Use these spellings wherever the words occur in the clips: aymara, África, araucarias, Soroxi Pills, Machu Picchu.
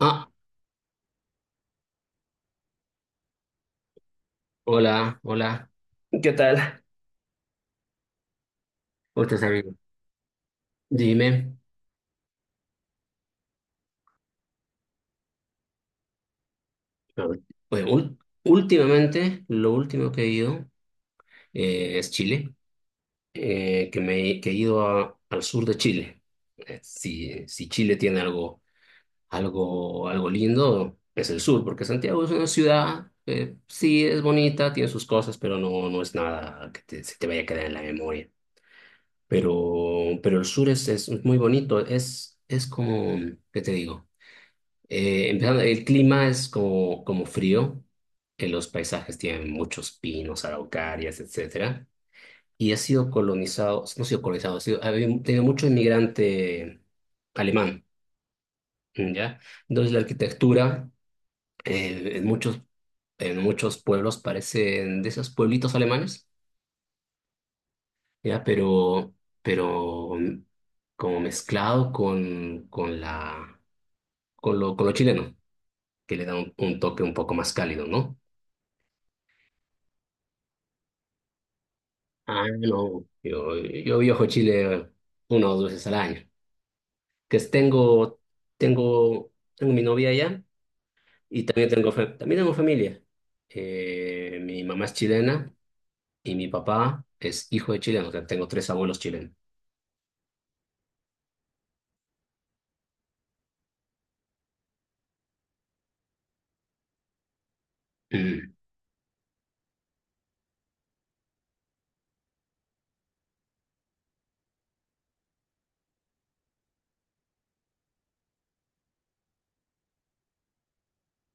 Ah, Hola, hola. ¿Qué tal? ¿Cómo estás, amigo? Dime. A ver, pues últimamente, lo último que he ido es Chile, que he ido al sur de Chile. Si, si Chile tiene algo lindo, es el sur, porque Santiago es una ciudad, que sí, es bonita, tiene sus cosas, pero no, no es nada que se te vaya a quedar en la memoria. Pero el sur es muy bonito, es como, ¿qué te digo? Empezando, el clima es como frío. Los paisajes tienen muchos pinos, araucarias, etcétera, y ha sido colonizado, no ha sido colonizado, ha sido, ha habido- tenido mucho inmigrante alemán. ¿Ya? Entonces la arquitectura eh, en muchos, en muchos pueblos parecen de esos pueblitos alemanes. ¿Ya? Pero mm, como mezclado con lo chileno, que le da un toque un poco más cálido, ¿no? No, yo viajo a Chile una o dos veces al año. Que es- tengo, tengo mi novia allá y también tengo familia. Mi mamá es chilena y mi papá es hijo de chileno, o sea, tengo tres abuelos chilenos. Mm.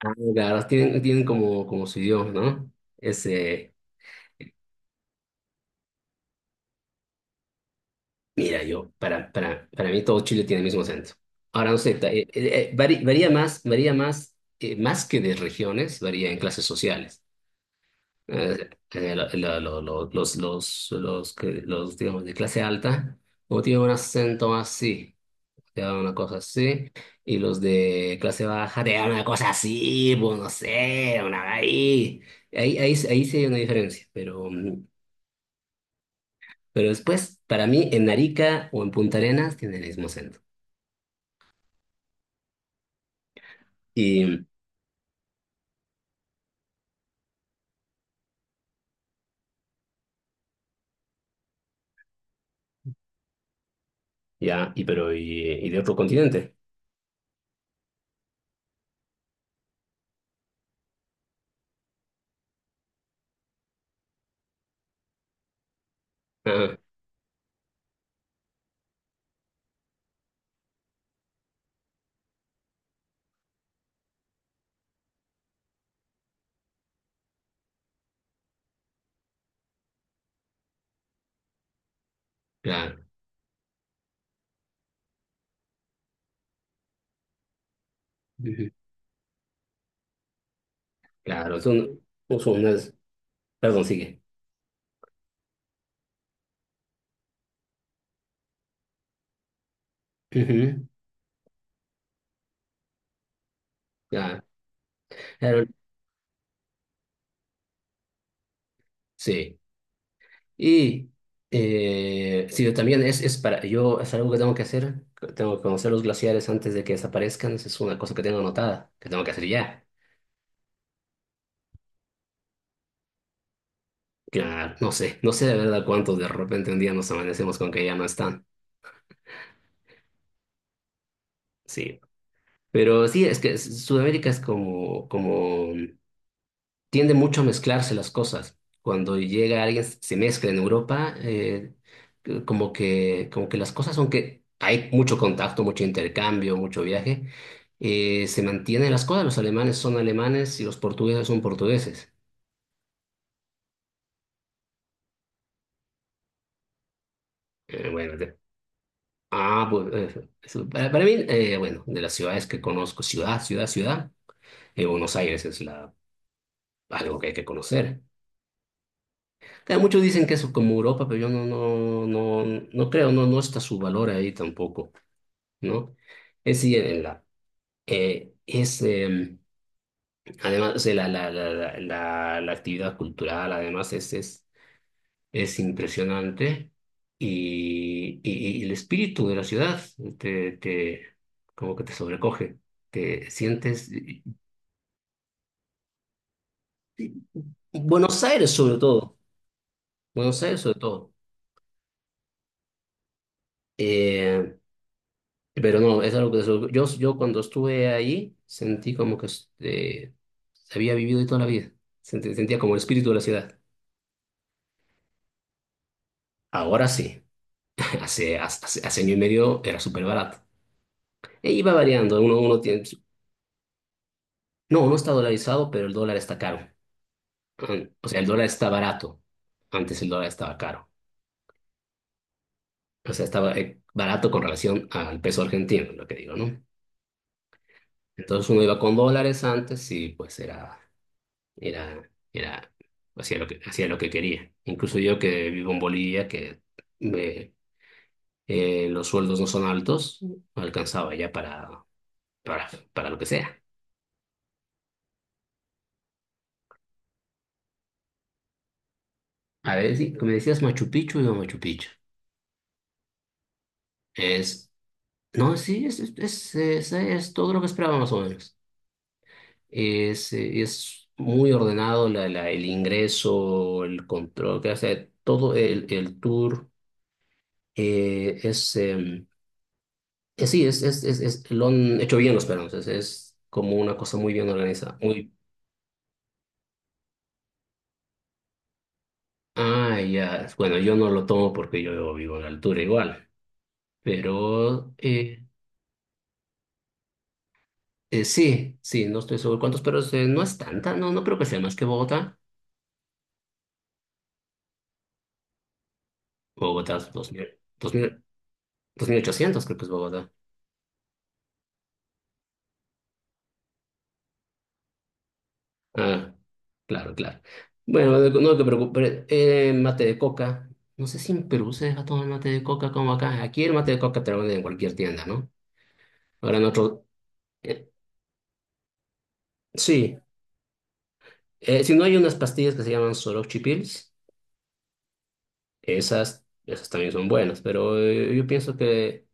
Claro, tienen como su idioma, ¿no? Es, eh, Mira, para mí todo Chile tiene el mismo acento. Ahora, no sé, varía más, más que de regiones, varía en clases sociales. La- la- lo- los, que, los, Digamos, de clase alta, o tienen un acento más así, te dan una cosa así, y los de clase baja te dan una cosa así, pues no sé, una ahí. Ahí sí hay una diferencia, pero después, para mí, en Arica o en Punta Arenas tiene el mismo acento. Y ya, y pero, y de otro continente. Ah, claro. Ujú. Claro, son, son unas, perdón, sigue. Ujú. Claro. Sí, y sí, también es para, yo es algo que tengo que hacer, tengo que conocer los glaciares antes de que desaparezcan, esa es una cosa que tengo anotada, que tengo que hacer ya. Claro, no sé de verdad cuántos. De repente un día nos amanecemos con que ya no están, sí. Pero sí, es que Sudamérica es como tiende mucho a mezclarse las cosas. Cuando llega alguien, se mezcla en Europa, como que las cosas, aunque hay mucho contacto, mucho intercambio, mucho viaje, se mantienen las cosas. Los alemanes son alemanes y los portugueses son portugueses. Bueno, de- ah, pues, eso, para mí, bueno, de las ciudades que conozco, Buenos Aires es la, algo que hay que conocer. Claro, muchos dicen que es como Europa, pero yo no creo, no, no está su valor ahí tampoco, ¿no? Es decir, en la, es, em, además, o sea, la actividad cultural, además, es impresionante, y, y el espíritu de la ciudad te, te, como que te sobrecoge, te sientes, Buenos Aires sobre todo, Buenos Aires sobre todo. Eh, pero no, es algo que yo cuando estuve ahí sentí como que había vivido ahí toda la vida. Sentía como el espíritu de la ciudad. Ahora sí, hace año y medio era súper barato. E iba variando, uno tiene. No, no está dolarizado, pero el dólar está caro. O sea, el dólar está barato. Antes el dólar estaba caro. O sea, estaba barato con relación al peso argentino, lo que digo, ¿no? Entonces uno iba con dólares antes y pues era, era, era, hacía lo que quería. Incluso yo que vivo en Bolivia, me- los sueldos no son altos, alcanzaba ya para, para lo que sea. A ver, sí, si me decías Machu Picchu, no Machu Picchu. Es, no, sí, es todo lo que esperaba más o menos. Es muy ordenado el ingreso, el control, que hace todo el tour. Es, em, sí, es- Lo han hecho bien los peruanos. Es como una cosa muy bien organizada. Muy. Ya. Bueno, yo no lo tomo porque yo vivo en la altura igual. Pero. Sí, sí, no estoy seguro cuántos, pero no es tanta, no, no creo que sea más que Bogotá. Bogotá es dos mil, 2.800, creo que es Bogotá. Ah, claro, claro. Bueno, no te preocupes. Mate de coca. No sé si en Perú se deja tomar mate de coca como acá. Aquí el mate de coca te lo venden en cualquier tienda, ¿no? Ahora en otro. eh, sí, si no hay unas pastillas que se llaman Soroxi Pills, esas también son buenas, pero yo pienso que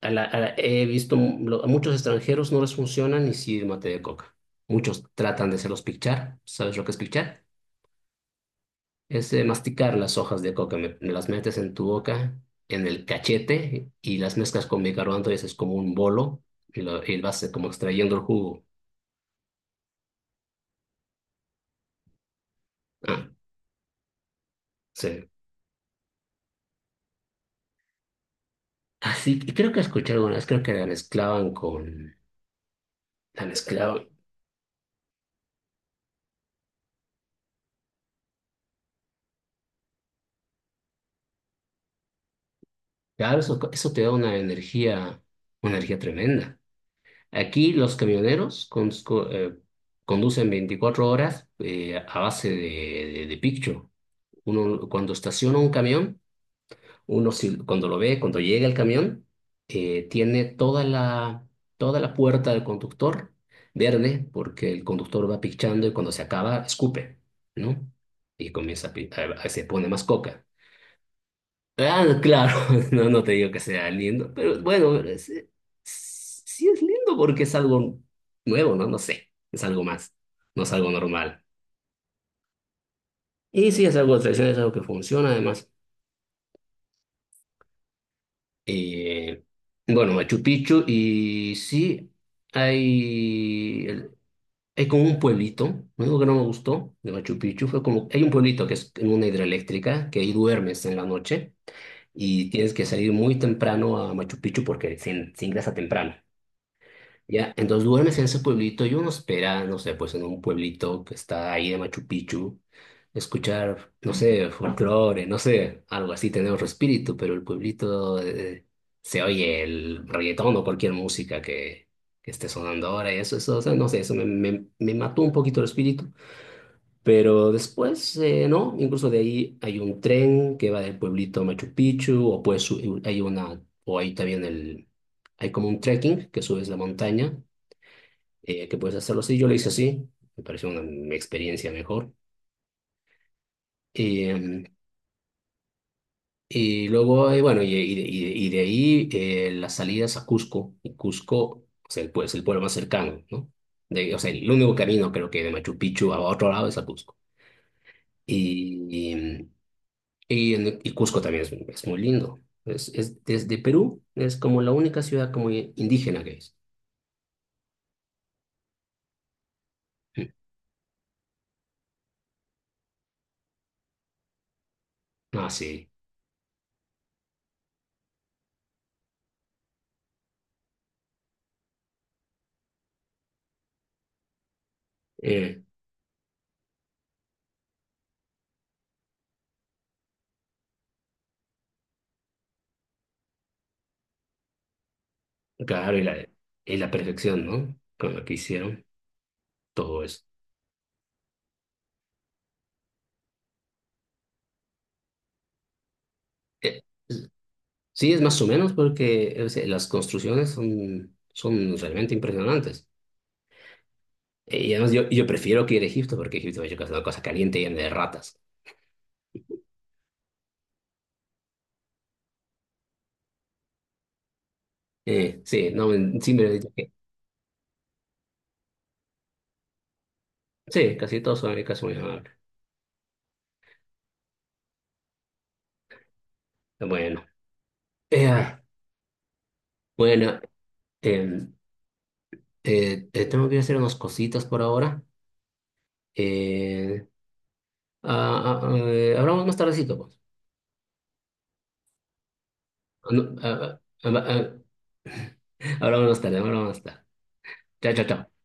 he visto a muchos extranjeros no les funciona ni sí mate de coca. Muchos tratan de hacerlos pichar. ¿Sabes lo que es pichar? Es masticar las hojas de coca. Me las metes en tu boca, en el cachete y las mezclas con bicarbonato y haces como un bolo y vas como extrayendo el jugo. Ah, sí. Así, y creo que escuché alguna vez, creo que la mezclaban con. La mezclaban. Claro, eso te da una energía tremenda. Aquí los camioneros conducen 24 horas a base de piccho. Uno, cuando estaciona un camión, uno si- cuando lo ve, cuando llega el camión, tiene toda la puerta del conductor verde, porque el conductor va picchando y cuando se acaba, escupe, ¿no? Y comienza a, pi- a- se pone más coca. No, claro, no, no te digo que sea lindo, pero bueno, sí es lindo porque es algo nuevo, ¿no? No sé, es algo más, no es algo normal. Y sí, es algo tradicional, es algo que funciona además. Eh, bueno, Machu Picchu y sí, hay, el- hay como un pueblito. Lo único que no me gustó de Machu Picchu fue como, hay un pueblito que es en una hidroeléctrica, que ahí duermes en la noche y tienes que salir muy temprano a Machu Picchu porque se ingresa temprano. Ya, entonces duermes en ese pueblito y uno espera, no sé, pues en un pueblito que está ahí de Machu Picchu, escuchar, no sé, folclore, no sé, algo así, tener otro espíritu, pero el pueblito se oye el reggaetón o cualquier música que esté sonando ahora, y o sea, no sé, eso me mató un poquito el espíritu, pero después, no, incluso de ahí hay un tren que va del pueblito a Machu Picchu o hay una. O ahí también hay como un trekking que subes la montaña, que puedes hacerlo así. Yo lo hice así, me pareció una experiencia mejor. Eh, y luego, bueno, y de ahí las salidas a Cusco, y Cusco, o sea, es el pueblo más cercano, ¿no? De, o sea, el único camino creo que de Machu Picchu a otro lado es a Cusco. Y, em, y Cusco también es muy lindo. Es desde Perú, es como la única ciudad como indígena que es. Mm. Sí. Eh, claro, y la perfección, ¿no? Con lo que hicieron todo eso. Eh, Sí, es más o menos porque, o sea, las construcciones son realmente impresionantes. Y además yo prefiero que ir a Egipto porque Egipto es una cosa caliente y llena de ratas. Sí, no, sí, me diría sí, casi todos son casi muy amables. Bueno, eh, bueno eh, tengo que ir a hacer unas cositas por ahora. Eh, Hablamos más tardecito, pues. No, hablamos más tarde, hablamos más tarde. Chao, chao, chao.